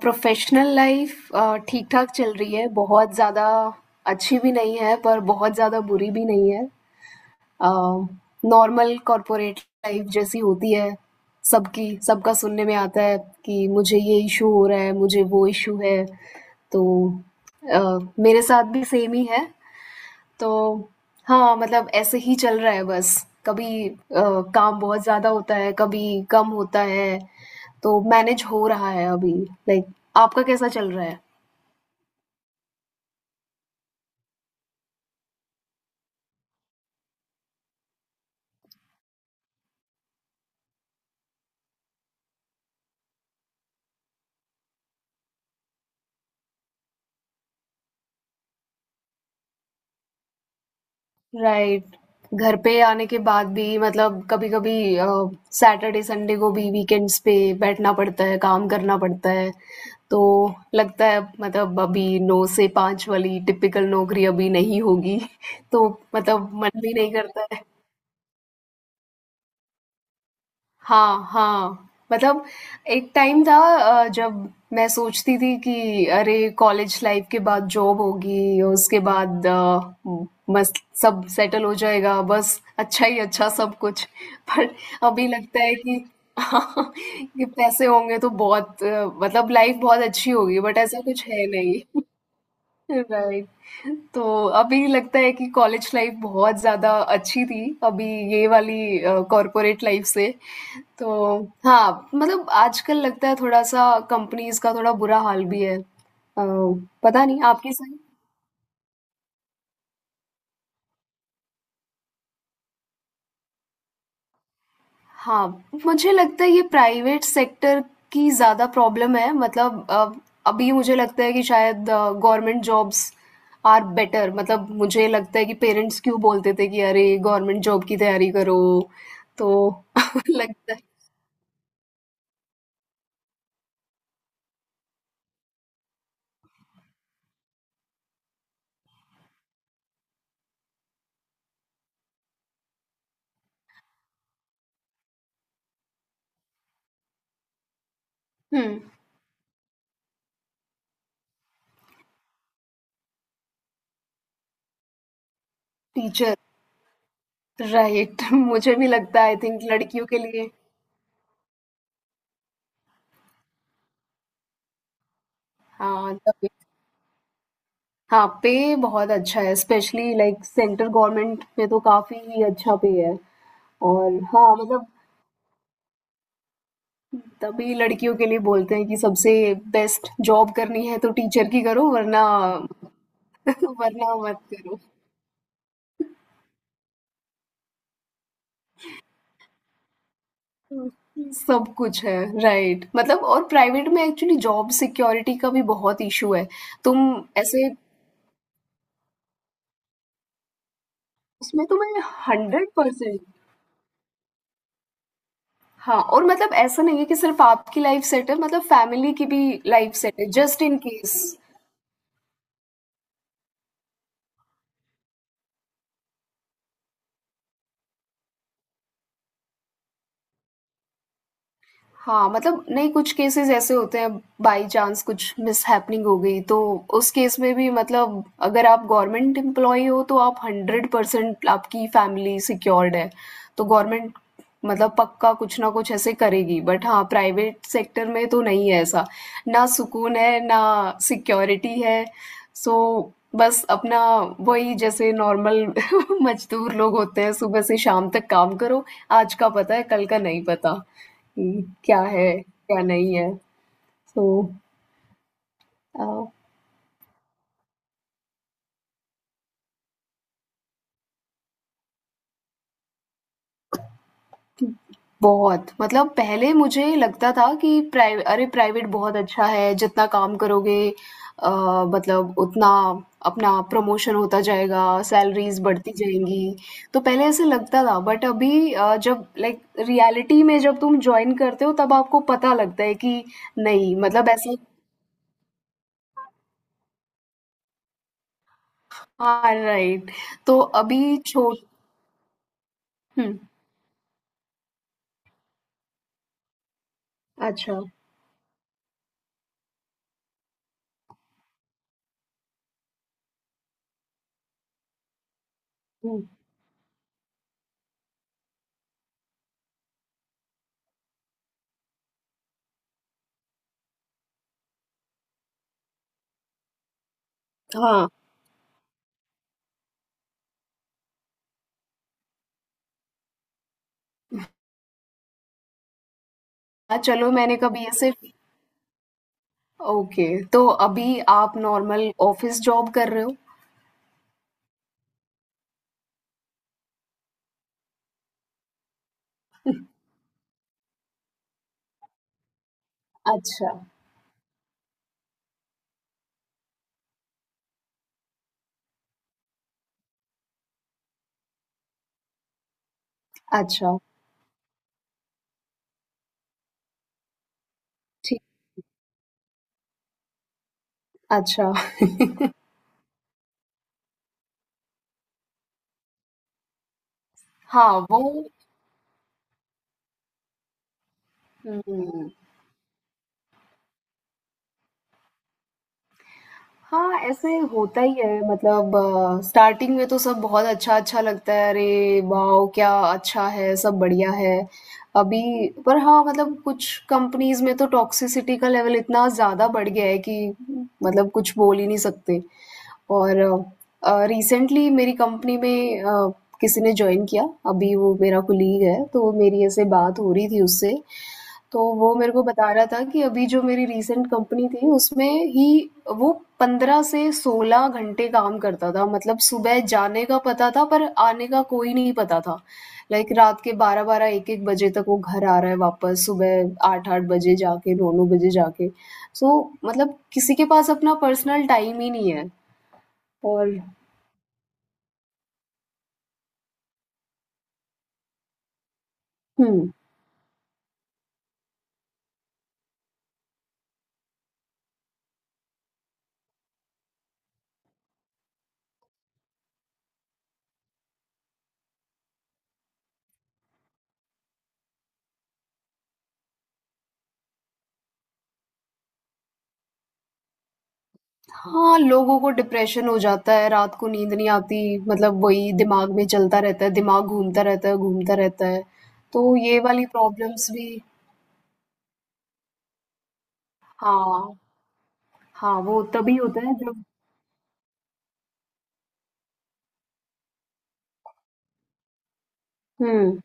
Professional life ठीक-ठाक चल रही है। बहुत ज़्यादा अच्छी भी नहीं है, पर बहुत ज़्यादा बुरी भी नहीं है। नॉर्मल कॉर्पोरेट लाइफ जैसी होती है, सबकी सबका सुनने में आता है कि मुझे ये इश्यू हो रहा है, मुझे वो इश्यू है। तो अ, मेरे साथ भी सेम ही है। तो हाँ, मतलब ऐसे ही चल रहा है बस। कभी काम बहुत ज़्यादा होता है, कभी कम होता है, तो मैनेज हो रहा है अभी। लाइक आपका कैसा चल रहा है? राइट। घर पे आने के बाद भी मतलब कभी-कभी सैटरडे संडे को भी वीकेंड्स पे बैठना पड़ता है, काम करना पड़ता है। तो लगता है मतलब अभी 9 से 5 वाली टिपिकल नौकरी अभी नहीं होगी। तो मतलब मन भी नहीं करता है। हाँ, हाँ। मतलब एक टाइम था जब मैं सोचती थी कि अरे कॉलेज लाइफ के बाद जॉब होगी, उसके बाद म मस्त सब सेटल हो जाएगा, बस अच्छा ही अच्छा सब कुछ। पर अभी लगता है कि कि पैसे होंगे तो बहुत मतलब लाइफ बहुत अच्छी होगी बट ऐसा कुछ है नहीं। राइट। तो अभी लगता है कि कॉलेज लाइफ बहुत ज़्यादा अच्छी थी, अभी ये वाली कॉर्पोरेट लाइफ से। तो हाँ, मतलब आजकल लगता है थोड़ा-सा कंपनीज़ का थोड़ा बुरा हाल भी है। पता नहीं आपके साथ। हाँ, मुझे लगता है ये प्राइवेट सेक्टर की ज़्यादा प्रॉब्लम है मतलब अभी मुझे लगता है कि शायद गवर्नमेंट जॉब्स आर बेटर मतलब मुझे लगता है कि पेरेंट्स क्यों बोलते थे कि अरे गवर्नमेंट जॉब की तैयारी करो। तो लगता है। हम्म। Teacher right. मुझे भी लगता है आई थिंक लड़कियों के लिए। हाँ तभी, हाँ पे बहुत अच्छा है स्पेशली लाइक सेंट्रल गवर्नमेंट में तो काफी ही अच्छा पे है। और हाँ, मतलब तभी लड़कियों के लिए बोलते हैं कि सबसे बेस्ट जॉब करनी है तो टीचर की करो वरना वरना मत करो। सब कुछ है, राइट मतलब और प्राइवेट में एक्चुअली जॉब सिक्योरिटी का भी बहुत इशू है। तुम ऐसे उसमें तुम्हें 100%। हाँ और मतलब ऐसा नहीं है कि सिर्फ आपकी लाइफ सेट है मतलब फैमिली की भी लाइफ सेट है जस्ट इन केस। हाँ, मतलब नहीं कुछ केसेस ऐसे होते हैं बाई चांस कुछ मिसहैपनिंग हो गई तो उस केस में भी मतलब अगर आप गवर्नमेंट एम्प्लॉई हो तो आप 100% आपकी फैमिली सिक्योर्ड है तो गवर्नमेंट मतलब पक्का कुछ ना कुछ ऐसे करेगी बट हाँ प्राइवेट सेक्टर में तो नहीं है ऐसा। ना सुकून है ना सिक्योरिटी है सो बस अपना वही जैसे नॉर्मल मजदूर लोग होते हैं सुबह से शाम तक काम करो। आज का पता है कल का नहीं पता कि क्या है, क्या नहीं है। सो अ, बहुत मतलब पहले मुझे लगता था कि प्राइ अरे! प्राइवेट बहुत अच्छा है, जितना काम करोगे अ, मतलब उतना अपना प्रमोशन होता जाएगा, सैलरीज़ बढ़ती जाएँगी। तो पहले ऐसे लगता था बट अभी जब लाइक रियलिटी में जब तुम जॉइन करते हो तब आपको पता लगता है कि नहीं मतलब ऐसे। हाँ, राइट। तो अभी छो हुँ, अच्छा। हुँ, हाँ। हाँ, चलो मैंने कभी ऐसे। ओके, तो अभी आप नॉर्मल ऑफिस जॉब कर रहे हो? अच्छा, अच्छा, ठीक, अच्छा। हाँ, वो हुँ। हाँ, ऐसे होता ही है मतलब स्टार्टिंग में तो सब बहुत अच्छा-अच्छा लगता है अरे वाओ! क्या अच्छा है, सब बढ़िया है। अभी पर हाँ, मतलब कुछ कंपनीज़ में तो टॉक्सिसिटी का लेवल इतना ज़्यादा बढ़ गया है कि मतलब कुछ बोल ही नहीं सकते। और रिसेंटली मेरी कंपनी में किसी ने जॉइन किया, अभी वो मेरा कोलीग है, तो मेरी ऐसे बात हो रही थी उससे। तो वो मेरे को बता रहा था कि अभी जो मेरी रीसेंट कंपनी थी, उसमें ही वो 15 से 16 घंटे काम करता था। मतलब सुबह जाने का पता था, पर आने का कोई नहीं पता था। लाइक रात के 12-12, 1-1 बजे तक वो घर आ रहा है वापस, सुबह 8-8 बजे जाके, 9-9 बजे जाके। सो मतलब किसी के पास अपना पर्सनल टाइम ही नहीं है और हुँ। हाँ, लोगों को डिप्रेशन हो जाता है, रात को नींद नहीं आती, मतलब वही दिमाग में चलता रहता है, दिमाग घूमता रहता है, घूमता रहता है। तो ये वाली प्रॉब्लम्स भी। हाँ, हाँ, वो तभी होता है जब। हुँ,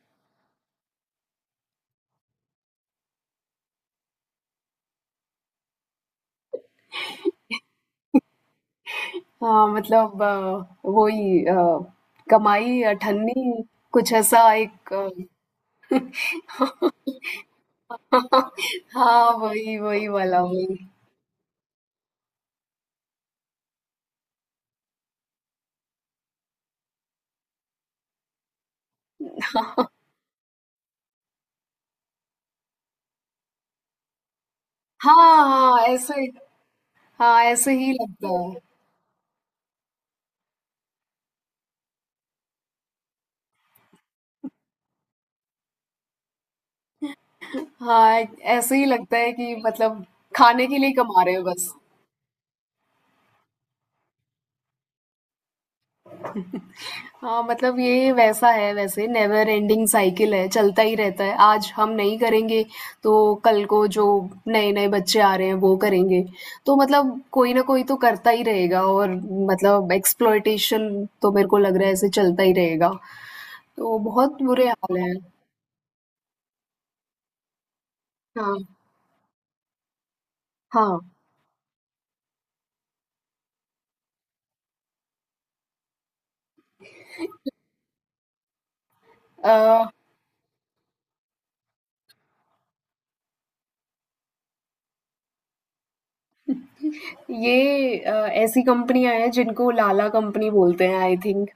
हाँ, मतलब वही कमाई, अठन्नी, कुछ ऐसा एक हाँ, वही, वही वाला, वही। हाँ, हाँ, ऐसे। हाँ, ऐसे ही लगता है। हाँ, ऐसे ही लगता है कि मतलब खाने के लिए कमा रहे हैं बस। हाँ, मतलब ये वैसा है वैसे नेवर एंडिंग साइकिल है, चलता ही रहता है। आज हम नहीं करेंगे, तो कल को जो नए-नए बच्चे आ रहे हैं वो करेंगे। तो मतलब कोई ना कोई तो करता ही रहेगा और मतलब एक्सप्लॉयटेशन तो मेरे को लग रहा है ऐसे चलता ही रहेगा। तो बहुत बुरे हाल हैं। हाँ, हाँ। अ, ये ऐसी कंपनियाँ हैं जिनको लाला कंपनी बोलते हैं आई थिंक।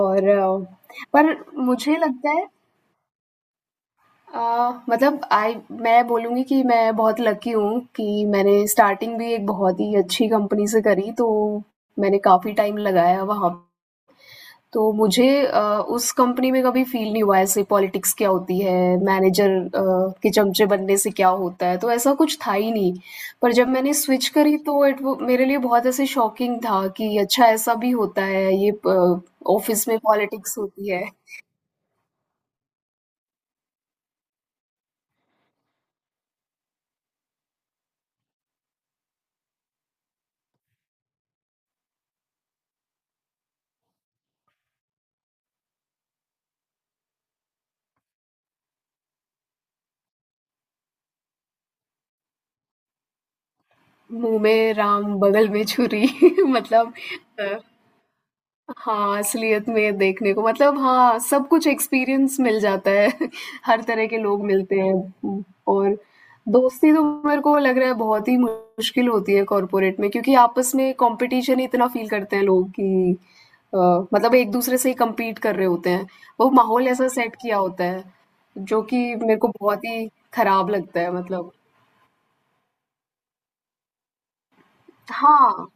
और पर मुझे लगता है मतलब आई मैं बोलूँगी कि मैं बहुत लकी हूँ कि मैंने स्टार्टिंग भी एक बहुत ही अच्छी कंपनी से करी, तो मैंने काफ़ी टाइम लगाया वहाँ। तो मुझे उस कंपनी में कभी फ़ील नहीं हुआ ऐसे पॉलिटिक्स क्या होती है, मैनेजर के चमचे बनने से क्या होता है, तो ऐसा कुछ था ही नहीं। पर जब मैंने स्विच करी तो इट वो मेरे लिए बहुत ऐसे शॉकिंग था कि अच्छा ऐसा भी होता है, ये प ऑफ़िस में पॉलिटिक्स होती है। मुँह में राम, बगल में छुरी। मतलब अ हाँ, असलियत में देखने को मतलब हाँ, सब कुछ एक्सपीरियंस मिल जाता है। हर तरह के लोग मिलते हैं और दोस्ती तो मेरे को लग रहा है बहुत ही मुश्किल होती है कॉर्पोरेट में क्योंकि आपस में कॉम्पिटिशन ही इतना फ़ील करते हैं लोग कि अ, मतलब एक-दूसरे से ही कम्पीट कर रहे होते हैं। वो माहौल ऐसा सेट किया होता है, जो कि मेरे को बहुत ही खराब लगता है मतलब। हाँ।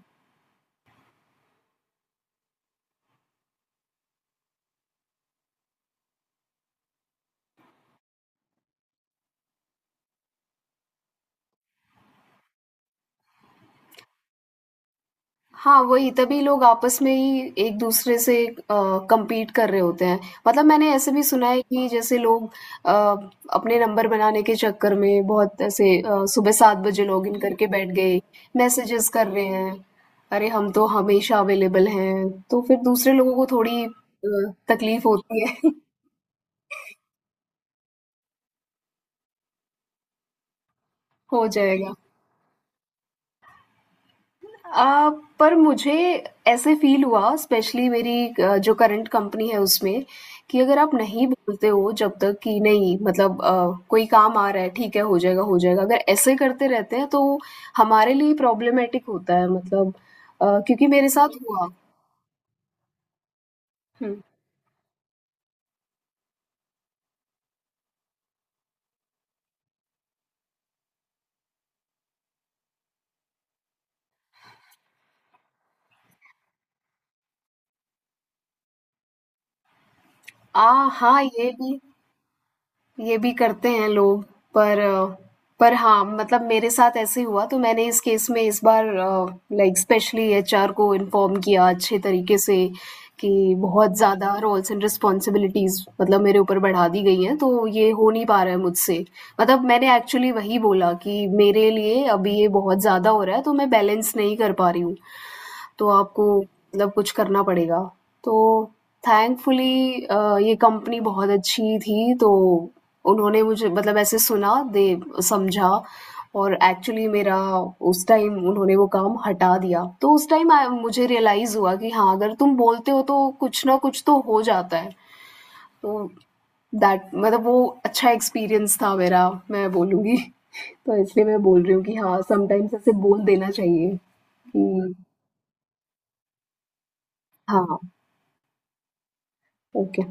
हाँ, वही तभी लोग आपस में ही एक-दूसरे से कम्पीट कर रहे होते हैं। मतलब मैंने ऐसे भी सुना है कि जैसे लोग अ, अपने नंबर बनाने के चक्कर में बहुत ऐसे सुबह 7 बजे लॉगिन करके बैठ गए, मैसेजेस कर रहे हैं, "अरे हम तो हमेशा अवेलेबल हैं।" तो फिर दूसरे लोगों को थोड़ी तकलीफ होती है, हो जाएगा। अ, पर मुझे ऐसे फ़ील हुआ स्पेशली मेरी जो करंट कंपनी है उसमें कि अगर आप नहीं बोलते हो जब तक कि नहीं मतलब कोई काम आ रहा है ठीक है हो जाएगा अगर ऐसे करते रहते हैं तो हमारे लिए प्रॉब्लमेटिक होता है मतलब क्योंकि मेरे साथ हुआ। हुँ। आ हाँ, ये भी करते हैं लोग। पर पर हाँ, मतलब मेरे साथ ऐसे ही हुआ तो मैंने इस केस में इस बार लाइक स्पेशली एचआर को इन्फॉर्म किया अच्छे तरीके से कि बहुत ज़्यादा रोल्स एंड रिस्पॉन्सिबिलिटीज़ मतलब मेरे ऊपर बढ़ा दी गई हैं तो ये हो नहीं पा रहा है मुझसे। मतलब मैंने एक्चुअली वही बोला कि मेरे लिए अभी ये बहुत ज़्यादा हो रहा है तो मैं बैलेंस नहीं कर पा रही हूँ, तो आपको मतलब कुछ करना पड़ेगा। तो थैंकफुली ये कंपनी बहुत अच्छी थी तो उन्होंने मुझे मतलब ऐसे सुना, दे समझा और एक्चुअली मेरा उस टाइम उन्होंने वो काम हटा दिया। तो उस टाइम आई मुझे रियलाइज़ हुआ कि हाँ, अगर तुम बोलते हो तो कुछ ना कुछ तो हो जाता है। तो दैट मतलब वो अच्छा एक्सपीरियंस था मेरा, मैं बोलूँगी। तो इसलिए मैं बोल रही हूँ कि हाँ, समटाइम्स ऐसे बोल देना चाहिए कि हाँ, ओके।